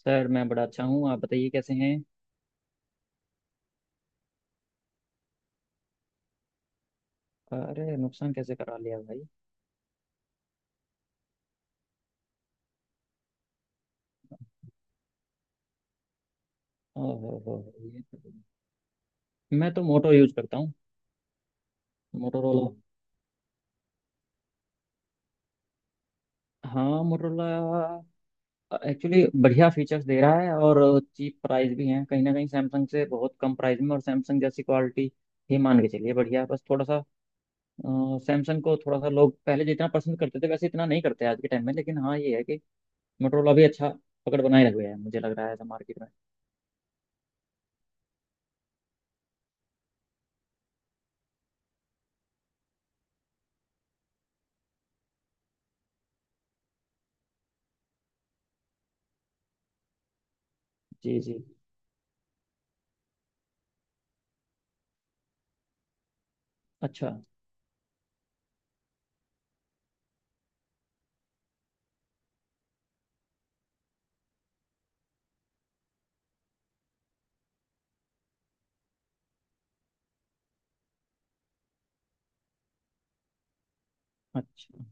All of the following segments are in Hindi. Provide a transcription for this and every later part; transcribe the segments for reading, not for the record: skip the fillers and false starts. सर, मैं बड़ा अच्छा हूँ। आप बताइए कैसे हैं। अरे, नुकसान कैसे करा लिया भाई। ओहो हो, ये तो- मैं तो मोटो यूज करता हूँ। मोटोरोला। हाँ, मोटोरोला एक्चुअली बढ़िया फीचर्स दे रहा है और चीप प्राइस भी है, कहीं ना कहीं सैमसंग से बहुत कम प्राइस में और सैमसंग जैसी क्वालिटी ही मान के चलिए, बढ़िया है। बस थोड़ा सा सैमसंग को थोड़ा सा लोग पहले जितना पसंद करते थे वैसे इतना नहीं करते आज के टाइम में, लेकिन हाँ, ये है कि मोटोरोला भी अच्छा पकड़ बनाए रख गया है, मुझे लग रहा है ऐसा मार्केट में। जी जी। अच्छा अच्छा।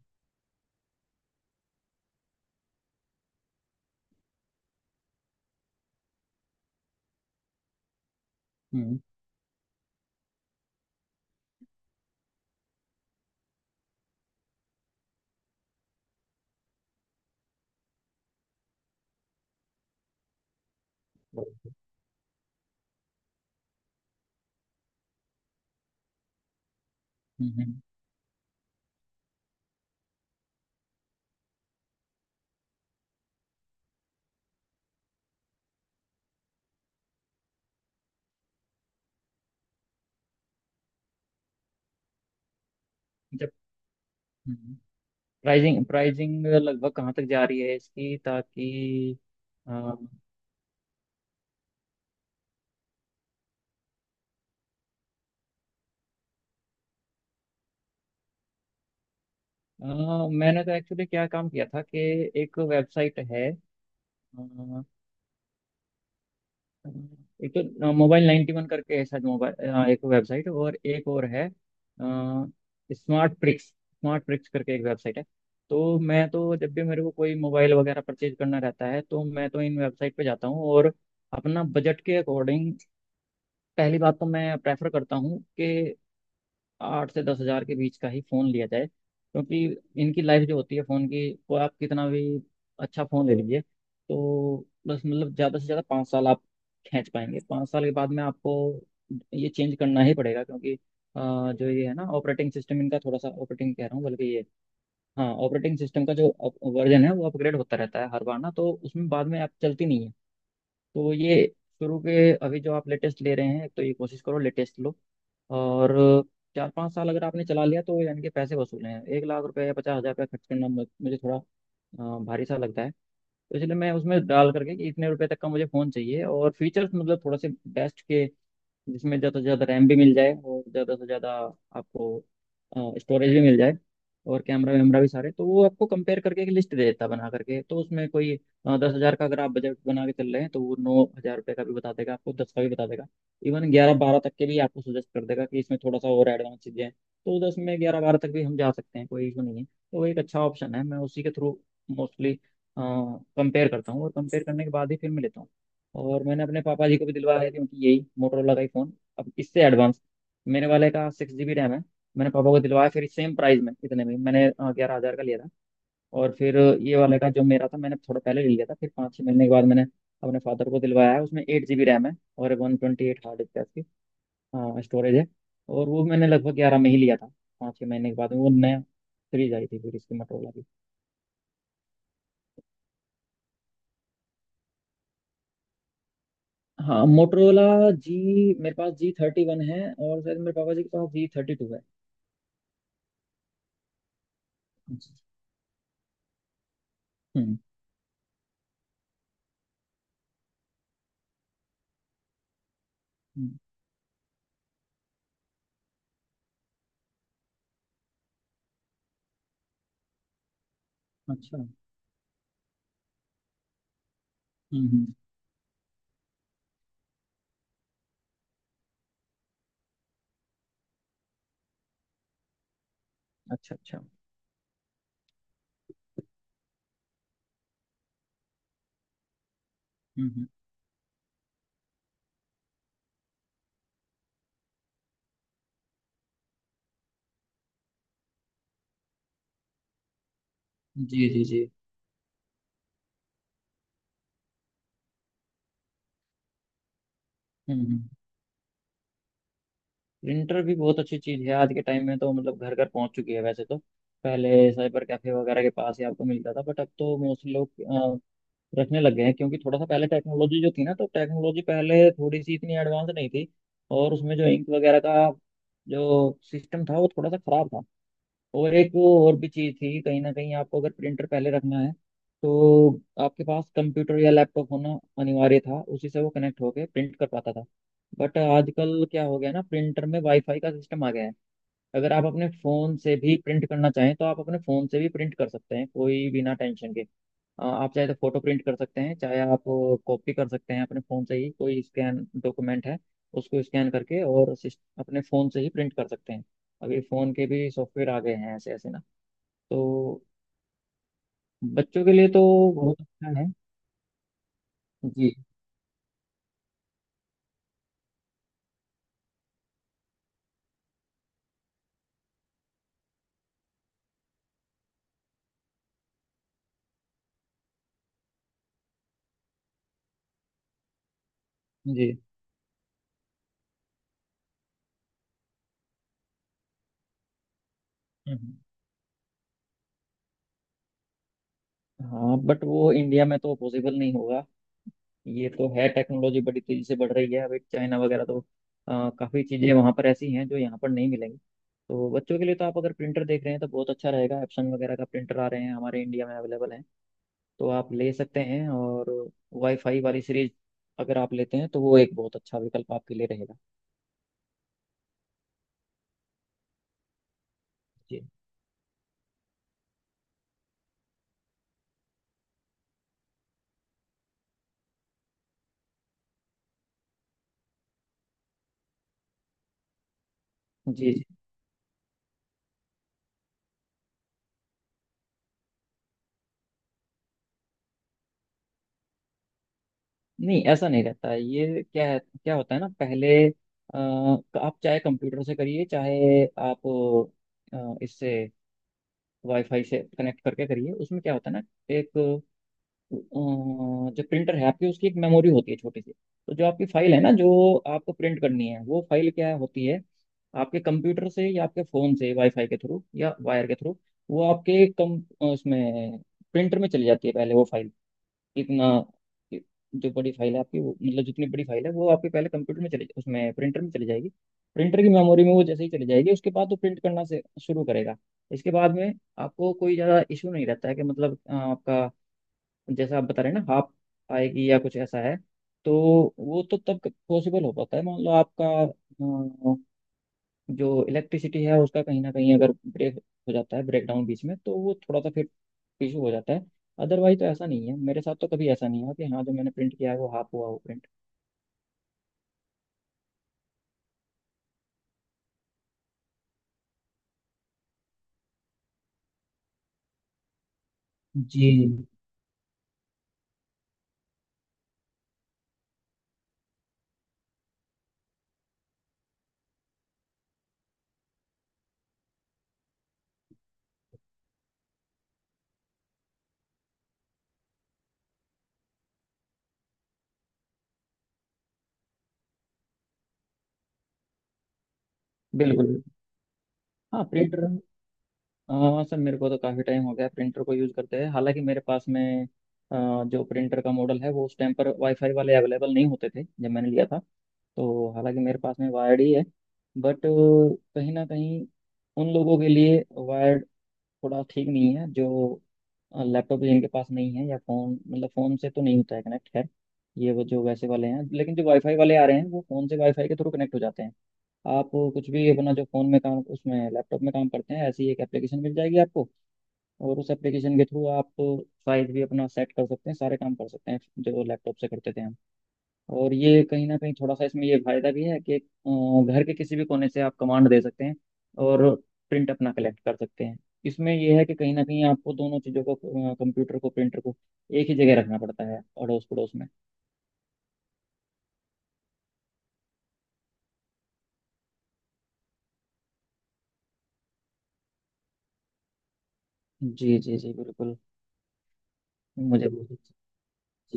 हम्म हम्म हम्म। जब हम्म, प्राइजिंग प्राइजिंग लगभग कहाँ तक जा रही है इसकी, ताकि... अ, अ, मैंने तो एक्चुअली क्या काम किया था कि एक वेबसाइट है। अ, एक तो मोबाइल 91 करके है शायद मोबाइल, एक वेबसाइट, और एक और है स्मार्ट प्रिक्स करके एक वेबसाइट है। तो मैं तो जब भी मेरे को कोई मोबाइल वगैरह परचेज करना रहता है तो मैं तो इन वेबसाइट पे जाता हूँ, और अपना बजट के अकॉर्डिंग, पहली बात तो मैं प्रेफर करता हूँ कि 8 से 10 हज़ार के बीच का ही फ़ोन लिया जाए, क्योंकि इनकी लाइफ जो होती है फ़ोन की, वो आप कितना भी अच्छा फ़ोन ले लीजिए तो बस, मतलब ज़्यादा से ज़्यादा 5 साल आप खींच पाएंगे। 5 साल के बाद में आपको ये चेंज करना ही पड़ेगा, क्योंकि जो ये है ना ऑपरेटिंग सिस्टम इनका थोड़ा सा, ऑपरेटिंग कह रहा हूँ बल्कि ये, हाँ, ऑपरेटिंग सिस्टम का जो वर्जन है वो अपग्रेड होता रहता है हर बार ना, तो उसमें बाद में आप चलती नहीं है। तो ये शुरू के, अभी जो आप लेटेस्ट ले रहे हैं, एक तो ये कोशिश करो लेटेस्ट लो, और 4 5 साल अगर आपने चला लिया तो यानी कि पैसे वसूल हैं। 1 लाख रुपए या 50 हज़ार रुपये खर्च करना मुझे थोड़ा भारी सा लगता है। तो इसलिए मैं उसमें डाल करके कि इतने रुपए तक का मुझे फ़ोन चाहिए और फीचर्स मतलब थोड़े से बेस्ट के, जिसमें ज़्यादा से ज़्यादा रैम भी मिल जाए और ज़्यादा से ज़्यादा आपको स्टोरेज भी मिल जाए और कैमरा वैमरा भी सारे, तो वो आपको कंपेयर करके एक लिस्ट दे देता है बना करके। तो उसमें कोई 10 हज़ार का अगर आप बजट बना के चल रहे हैं तो वो 9 हज़ार रुपये का भी बता देगा आपको, दस का भी बता देगा। इवन 11 12 तक के भी आपको सजेस्ट कर देगा कि इसमें थोड़ा सा और एडवांस चीज़ें हैं, तो दस में 11 12 तक भी हम जा सकते हैं, कोई इशू नहीं है। तो वो एक अच्छा ऑप्शन है, मैं उसी के थ्रू मोस्टली कंपेयर करता हूँ और कंपेयर करने के बाद ही फिर मैं लेता हूँ। और मैंने अपने पापा जी को भी दिलवाया थी उनकी, यही मोटरोला का ही फ़ोन। अब इससे एडवांस मेरे वाले का 6 GB रैम है। मैंने पापा को दिलवाया फिर सेम प्राइस में, इतने में मैंने, हाँ, 11 हज़ार का लिया था। और फिर ये वाले का जो मेरा था मैंने थोड़ा पहले ले लिया था, फिर 5 6 महीने के बाद मैंने अपने फादर को दिलवाया है। उसमें 8 GB रैम है और 128 हार्ड डिस्क है उसकी, हाँ, स्टोरेज है। और वो मैंने लगभग ग्यारह में ही लिया था। 5 6 महीने के बाद में वो नया सीरीज आई थी फिर इसकी मोटरोला की। हाँ, मोटरोला जी, मेरे पास G31 है और शायद मेरे पापा जी के पास G32 है। हम्म हम्म, अच्छा। हम्म हम्म, अच्छा अच्छा। हम्म हम्म, जी जी जी। हम्म। प्रिंटर भी बहुत अच्छी चीज़ है आज के टाइम में तो, मतलब घर घर पहुंच चुकी है वैसे तो। पहले साइबर कैफे वगैरह के पास ही आपको मिलता था, बट अब तो मोस्टली लोग रखने लग गए हैं, क्योंकि थोड़ा सा पहले टेक्नोलॉजी जो थी ना, तो टेक्नोलॉजी पहले थोड़ी सी इतनी एडवांस नहीं थी, और उसमें जो इंक वगैरह का जो सिस्टम था वो थोड़ा सा खराब था। और एक वो और भी चीज़ थी, कहीं ना कहीं आपको अगर प्रिंटर पहले रखना है तो आपके पास कंप्यूटर या लैपटॉप होना अनिवार्य था, उसी से वो कनेक्ट होके प्रिंट कर पाता था। बट आजकल क्या हो गया ना, प्रिंटर में वाईफाई का सिस्टम आ गया है। अगर आप अपने फ़ोन से भी प्रिंट करना चाहें तो आप अपने फ़ोन से भी प्रिंट कर सकते हैं, कोई बिना टेंशन के। आप चाहे तो फ़ोटो प्रिंट कर सकते हैं, चाहे आप कॉपी कर सकते हैं अपने फ़ोन से ही। कोई स्कैन डॉक्यूमेंट है उसको स्कैन करके और अपने फ़ोन से ही प्रिंट कर सकते हैं। अभी फ़ोन के भी सॉफ्टवेयर आ गए हैं ऐसे ऐसे ना, तो बच्चों के लिए तो बहुत अच्छा है। जी जी। हम्म। हाँ, बट वो इंडिया में तो पॉसिबल नहीं होगा। ये तो है, टेक्नोलॉजी बड़ी तेजी से बढ़ रही है, अभी चाइना वगैरह तो काफी चीजें वहाँ पर ऐसी हैं जो यहाँ पर नहीं मिलेंगी। तो बच्चों के लिए तो आप अगर प्रिंटर देख रहे हैं तो बहुत अच्छा रहेगा, एप्सन वगैरह का प्रिंटर आ रहे हैं, हमारे इंडिया में अवेलेबल हैं। तो आप ले सकते हैं, और वाईफाई वाली सीरीज अगर आप लेते हैं तो वो एक बहुत अच्छा विकल्प आपके लिए रहेगा। जी जी। नहीं, ऐसा नहीं रहता है। ये क्या है, क्या होता है ना पहले, आप चाहे कंप्यूटर से करिए, चाहे आप इससे वाईफाई से कनेक्ट करके करिए, उसमें क्या होता है ना, एक जो प्रिंटर है आपकी, उसकी एक मेमोरी होती है छोटी सी। तो जो आपकी फाइल है ना, जो आपको प्रिंट करनी है, वो फाइल क्या होती है, आपके कंप्यूटर से या आपके फ़ोन से वाईफाई के थ्रू या वायर के थ्रू, वो आपके कम, उसमें प्रिंटर में चली जाती है पहले वो फाइल। इतना, जो बड़ी फाइल है आपकी वो, मतलब जितनी बड़ी फाइल है वो आपके पहले कंप्यूटर में चले उसमें प्रिंटर में चली जाएगी। प्रिंटर की मेमोरी में वो जैसे ही चली जाएगी, उसके बाद वो प्रिंट करना से शुरू करेगा। इसके बाद में आपको कोई ज़्यादा इशू नहीं रहता है, कि मतलब आपका, जैसा आप बता रहे हैं ना, हाफ आएगी या कुछ ऐसा है, तो वो तो तब पॉसिबल हो पाता है, मान लो आपका जो इलेक्ट्रिसिटी है उसका कहीं ना कहीं अगर ब्रेक हो जाता है, ब्रेकडाउन बीच में, तो वो थोड़ा सा फिर इशू हो जाता है। अदरवाइज तो ऐसा नहीं है, मेरे साथ तो कभी ऐसा नहीं हुआ कि हाँ जो मैंने प्रिंट किया है वो हाफ हुआ हो प्रिंट। जी, बिल्कुल बिल्कुल। हाँ, प्रिंटर। हाँ सर, मेरे को तो काफ़ी टाइम हो गया प्रिंटर को यूज़ करते हैं, हालांकि मेरे पास में जो प्रिंटर का मॉडल है वो उस टाइम पर वाईफाई वाले अवेलेबल नहीं होते थे जब मैंने लिया था। तो हालांकि मेरे पास में वायर्ड ही है। बट कहीं ना कहीं उन लोगों के लिए थोड़ा ठीक नहीं है, जो लैपटॉप जिनके पास नहीं है, या फोन, मतलब फोन से तो नहीं होता है कनेक्ट। खैर, ये वो जो वैसे वाले हैं, लेकिन जो वाईफाई वाले आ रहे हैं वो फोन से वाईफाई के थ्रू कनेक्ट हो जाते हैं। आप कुछ भी अपना जो फोन में काम उसमें लैपटॉप में काम करते हैं, ऐसी एक एप्लीकेशन मिल जाएगी आपको, और उस एप्लीकेशन के थ्रू आप साइज भी अपना सेट कर सकते हैं, सारे काम कर सकते हैं जो लैपटॉप से करते थे हम। और ये कहीं ना कहीं थोड़ा सा इसमें ये फायदा भी है कि घर के किसी भी कोने से आप कमांड दे सकते हैं और प्रिंट अपना कलेक्ट कर सकते हैं। इसमें ये है कि कहीं ना कहीं आपको दोनों चीज़ों को, कंप्यूटर को, प्रिंटर को, एक ही जगह रखना पड़ता है अड़ोस पड़ोस में। जी जी जी, बिल्कुल। मुझे बहुत अच्छा-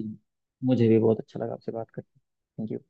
जी। मुझे भी बहुत अच्छा लगा आपसे बात करके। Thank you.